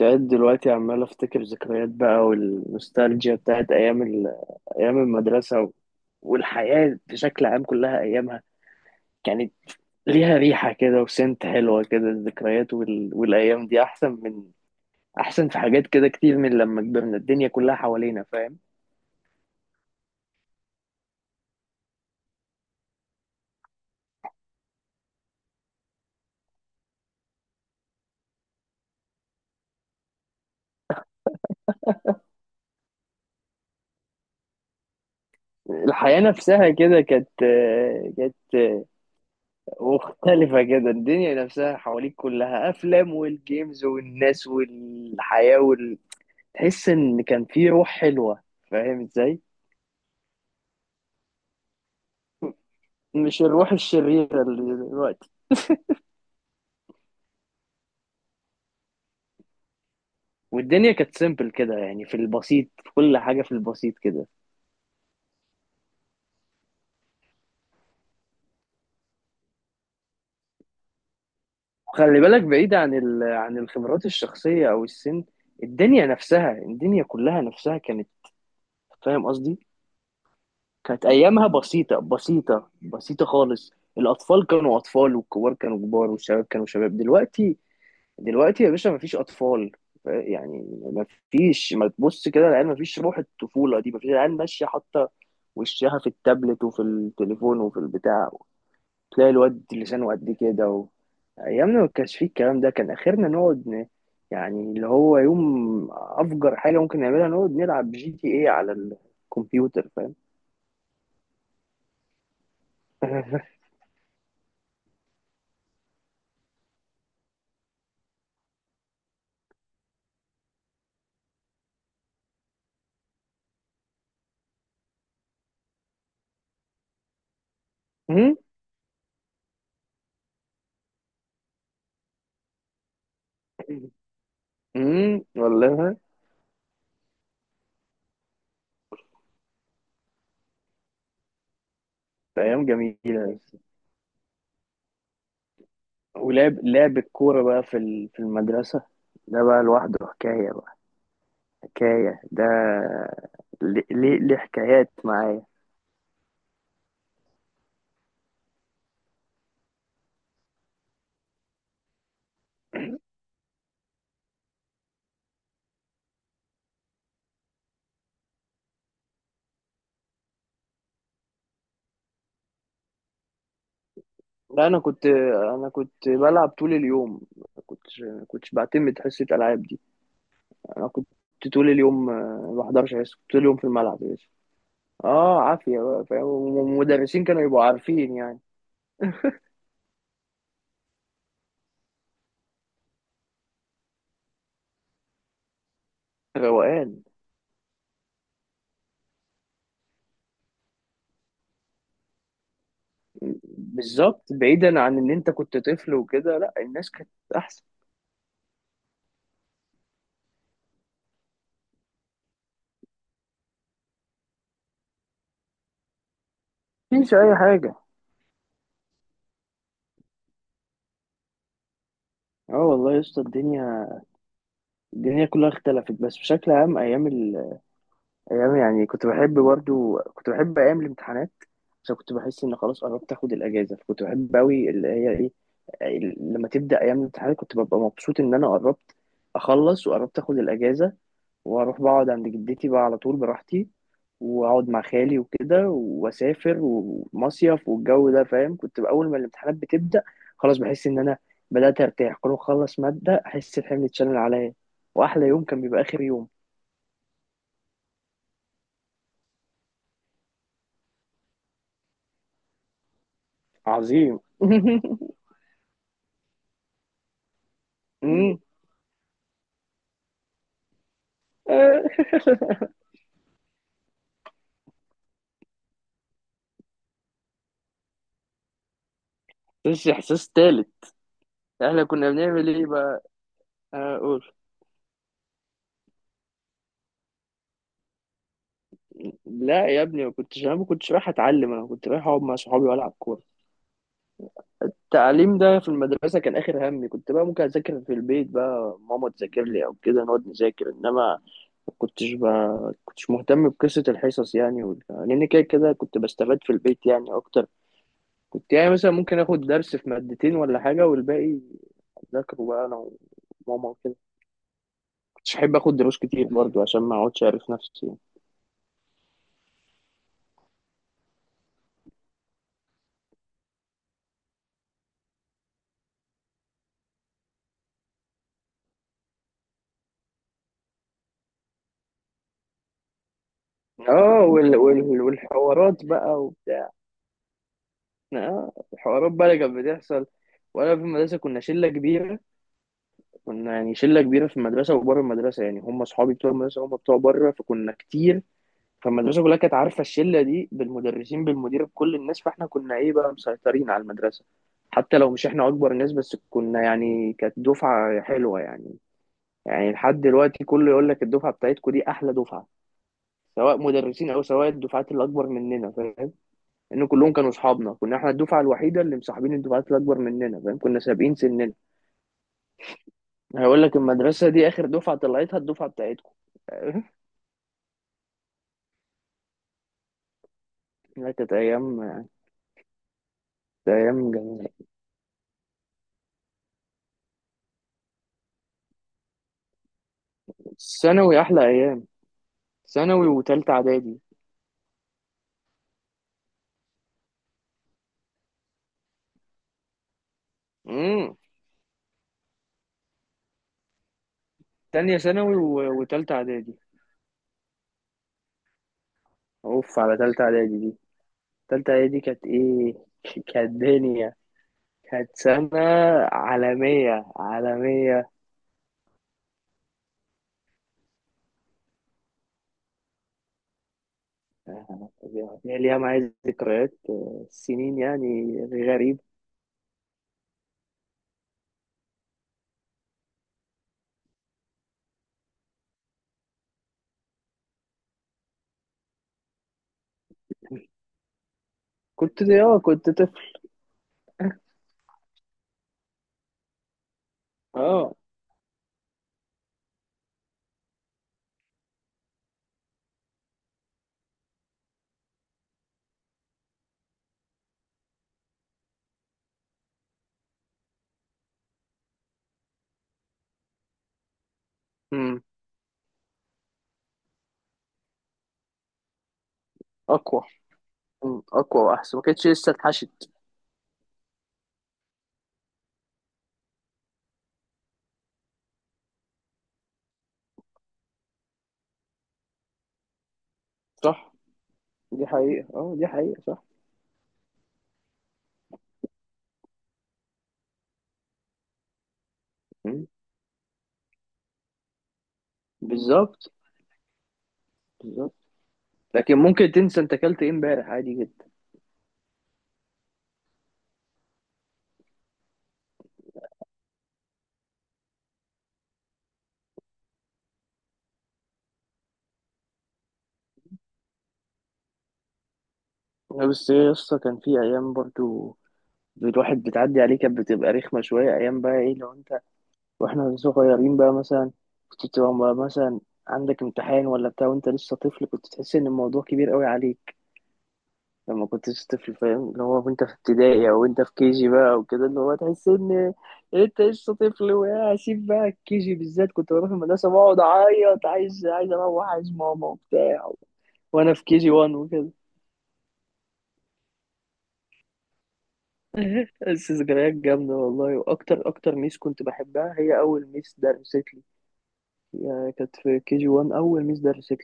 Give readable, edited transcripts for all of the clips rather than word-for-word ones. قاعد دلوقتي عمال افتكر ذكريات بقى والنوستالجيا بتاعت ايام المدرسه والحياه بشكل عام كلها ايامها كانت ليها ريحه كده وسنت حلوه كده الذكريات والايام دي احسن من احسن في حاجات كده كتير من لما كبرنا الدنيا كلها حوالينا فاهم. الحياه نفسها كده كانت مختلفه كده، الدنيا نفسها حواليك كلها افلام والجيمز والناس والحياه تحس ان كان في روح حلوه، فاهم ازاي؟ مش الروح الشريرة اللي دلوقتي. والدنيا كانت سيمبل كده، يعني في البسيط في كل حاجة في البسيط كده. وخلي بالك بعيد عن عن الخبرات الشخصية أو السن، الدنيا نفسها الدنيا كلها نفسها كانت، فاهم قصدي؟ كانت أيامها بسيطة بسيطة بسيطة خالص. الأطفال كانوا أطفال والكبار كانوا كبار والشباب كانوا شباب. دلوقتي دلوقتي يا باشا مفيش اطفال، يعني مفيش، ما تبص كده العيال مفيش روح الطفوله دي، مفيش، العيال ماشيه حاطه وشها في التابلت وفي التليفون وفي البتاع. تلاقي الواد لسانه قد كده ايامنا ما كانش فيه الكلام ده، كان اخرنا نقعد يعني اللي هو يوم افجر حاجه ممكن نعملها نقعد نلعب جي تي ايه على الكمبيوتر، فاهم؟ والله. ايام جميله. ولعب لعب الكورة بقى في المدرسة، ده بقى لوحده حكاية بقى، حكاية ده، ليه ليه ليه حكايات معايا. لا، أنا كنت بلعب طول اليوم، ما كنتش بعتمد حصة ألعاب دي. أنا كنت طول اليوم، ما بحضرش حصة، كنت طول اليوم في الملعب يا باشا. اه، عافية بقى فاهم، والمدرسين كانوا يبقوا عارفين يعني. روقان. بالظبط، بعيدا عن ان انت كنت طفل وكده، لا، الناس كانت احسن. مفيش اي حاجه. اه والله يا اسطى، الدنيا الدنيا كلها اختلفت. بس بشكل عام ايام ايام، يعني كنت بحب برضو كنت بحب ايام الامتحانات، عشان كنت بحس ان خلاص قربت اخد الاجازه، فكنت بحب قوي اللي هي ايه، لما تبدا ايام الامتحانات كنت ببقى مبسوط ان انا قربت اخلص وقربت اخد الاجازه واروح بقعد عند جدتي بقى على طول براحتي، واقعد مع خالي وكده واسافر ومصيف والجو ده فاهم. كنت اول ما الامتحانات بتبدا خلاص بحس ان انا بدات ارتاح، كل ما اخلص ماده احس الحمل اتشال من عليا، واحلى يوم كان بيبقى اخر يوم. عظيم. أمم. آه. بس احساس تالت، احنا كنا بنعمل ايه بقى؟ آه، اقول. لا يا ابني، ما كنتش، انا ما كنتش رايح اتعلم، انا كنت رايح اقعد مع صحابي والعب كوره. التعليم ده في المدرسه كان اخر همي، كنت بقى ممكن اذاكر في البيت بقى، ماما تذاكر لي او كده نقعد نذاكر، انما ما كنتش بقى كنتش مهتم بقصه الحصص يعني لان كده كده كنت بستفاد في البيت يعني اكتر. كنت يعني مثلا ممكن اخد درس في مادتين ولا حاجه، والباقي اذاكره بقى انا وماما وكده. مش هحب اخد دروس كتير برضو عشان ما اقعدش اعرف نفسي يعني. اه والحوارات بقى وبتاع. اه الحوارات بقى اللي كانت بتحصل وانا في المدرسه، كنا شله كبيره، كنا يعني شله كبيره في المدرسه وبره المدرسه، يعني هم اصحابي بتوع المدرسه هم بتوع بره، فكنا كتير. فالمدرسه كلها كانت عارفه الشله دي، بالمدرسين بالمدير بكل الناس، فاحنا كنا ايه بقى، مسيطرين على المدرسه. حتى لو مش احنا اكبر ناس، بس كنا يعني كانت دفعه حلوه يعني. يعني لحد دلوقتي كله يقول لك الدفعه بتاعتكم دي احلى دفعه، سواء مدرسين او سواء الدفعات اللي اكبر مننا، فاهم؟ ان كلهم كانوا اصحابنا، كنا احنا الدفعه الوحيده اللي مصاحبين الدفعات اللي اكبر مننا، فاهم؟ كنا سابقين سننا. هقول لك، المدرسه دي اخر دفعه طلعتها الدفعه بتاعتكم. لا، كانت ايام، كانت ايام جميله. ثانوي احلى ايام. ثانوي وتالتة اعدادي. امم. تانية ثانوي وتالتة اعدادي. اوف على تالتة اعدادي دي، تالتة اعدادي كانت ايه! كانت دنيا، كانت سنة عالمية، عالمية. آه، يعني ليها معايا ذكريات سنين يعني، غريب. كنت اه كنت طفل. اه. امم. اقوى. مم. اقوى واحسن، ما كانتش لسه اتحشت. صح. دي حقيقة، اه دي حقيقة، صح. مم. بالظبط. بالظبط. لكن ممكن تنسى انت اكلت ايه امبارح عادي جدا. لا، بس ايه يا اسطى، كان في ايام برضو الواحد بتعدي عليه كانت بتبقى رخمة شوية، ايام بقى ايه لو انت واحنا صغيرين بقى مثلا، كنت بتبقى مثلا عندك امتحان ولا بتاع وانت لسه طفل، كنت تحس ان الموضوع كبير قوي عليك لما كنتش طفل، فاهم؟ اللي هو وانت في ابتدائي او انت في جي بقى وكده، اللي هو تحس ان انت لسه طفل. وهسيب بقى جي بالذات، كنت بروح المدرسه بقعد اعيط، عايز عايز اروح، عايز ماما وبتاع وانا في جي 1 وكده. بس ذكريات جامده والله. واكتر اكتر ميس كنت بحبها، هي اول ميس درست لي، هي كانت في جي 1 اول ميس درست لي،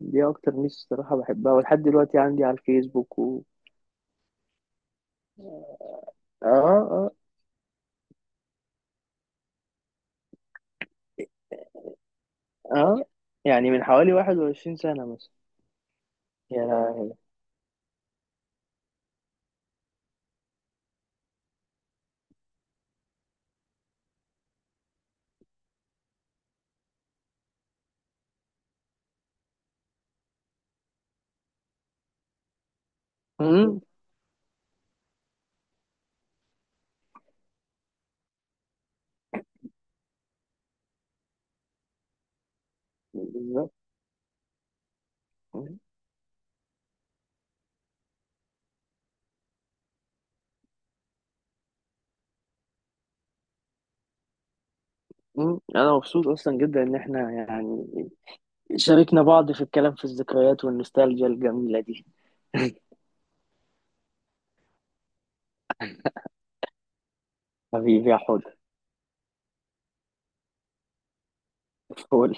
دي اكتر ميس الصراحه بحبها، ولحد دلوقتي عندي على الفيسبوك و... اه. اه. اه، يعني من حوالي 21 سنه مثلا. يا مم. بالظبط. مم. مم. انا مبسوط اصلا جدا ان احنا يعني شاركنا بعض في الكلام في الذكريات والنوستالجيا الجميله دي. حبيبي يا حود. فول.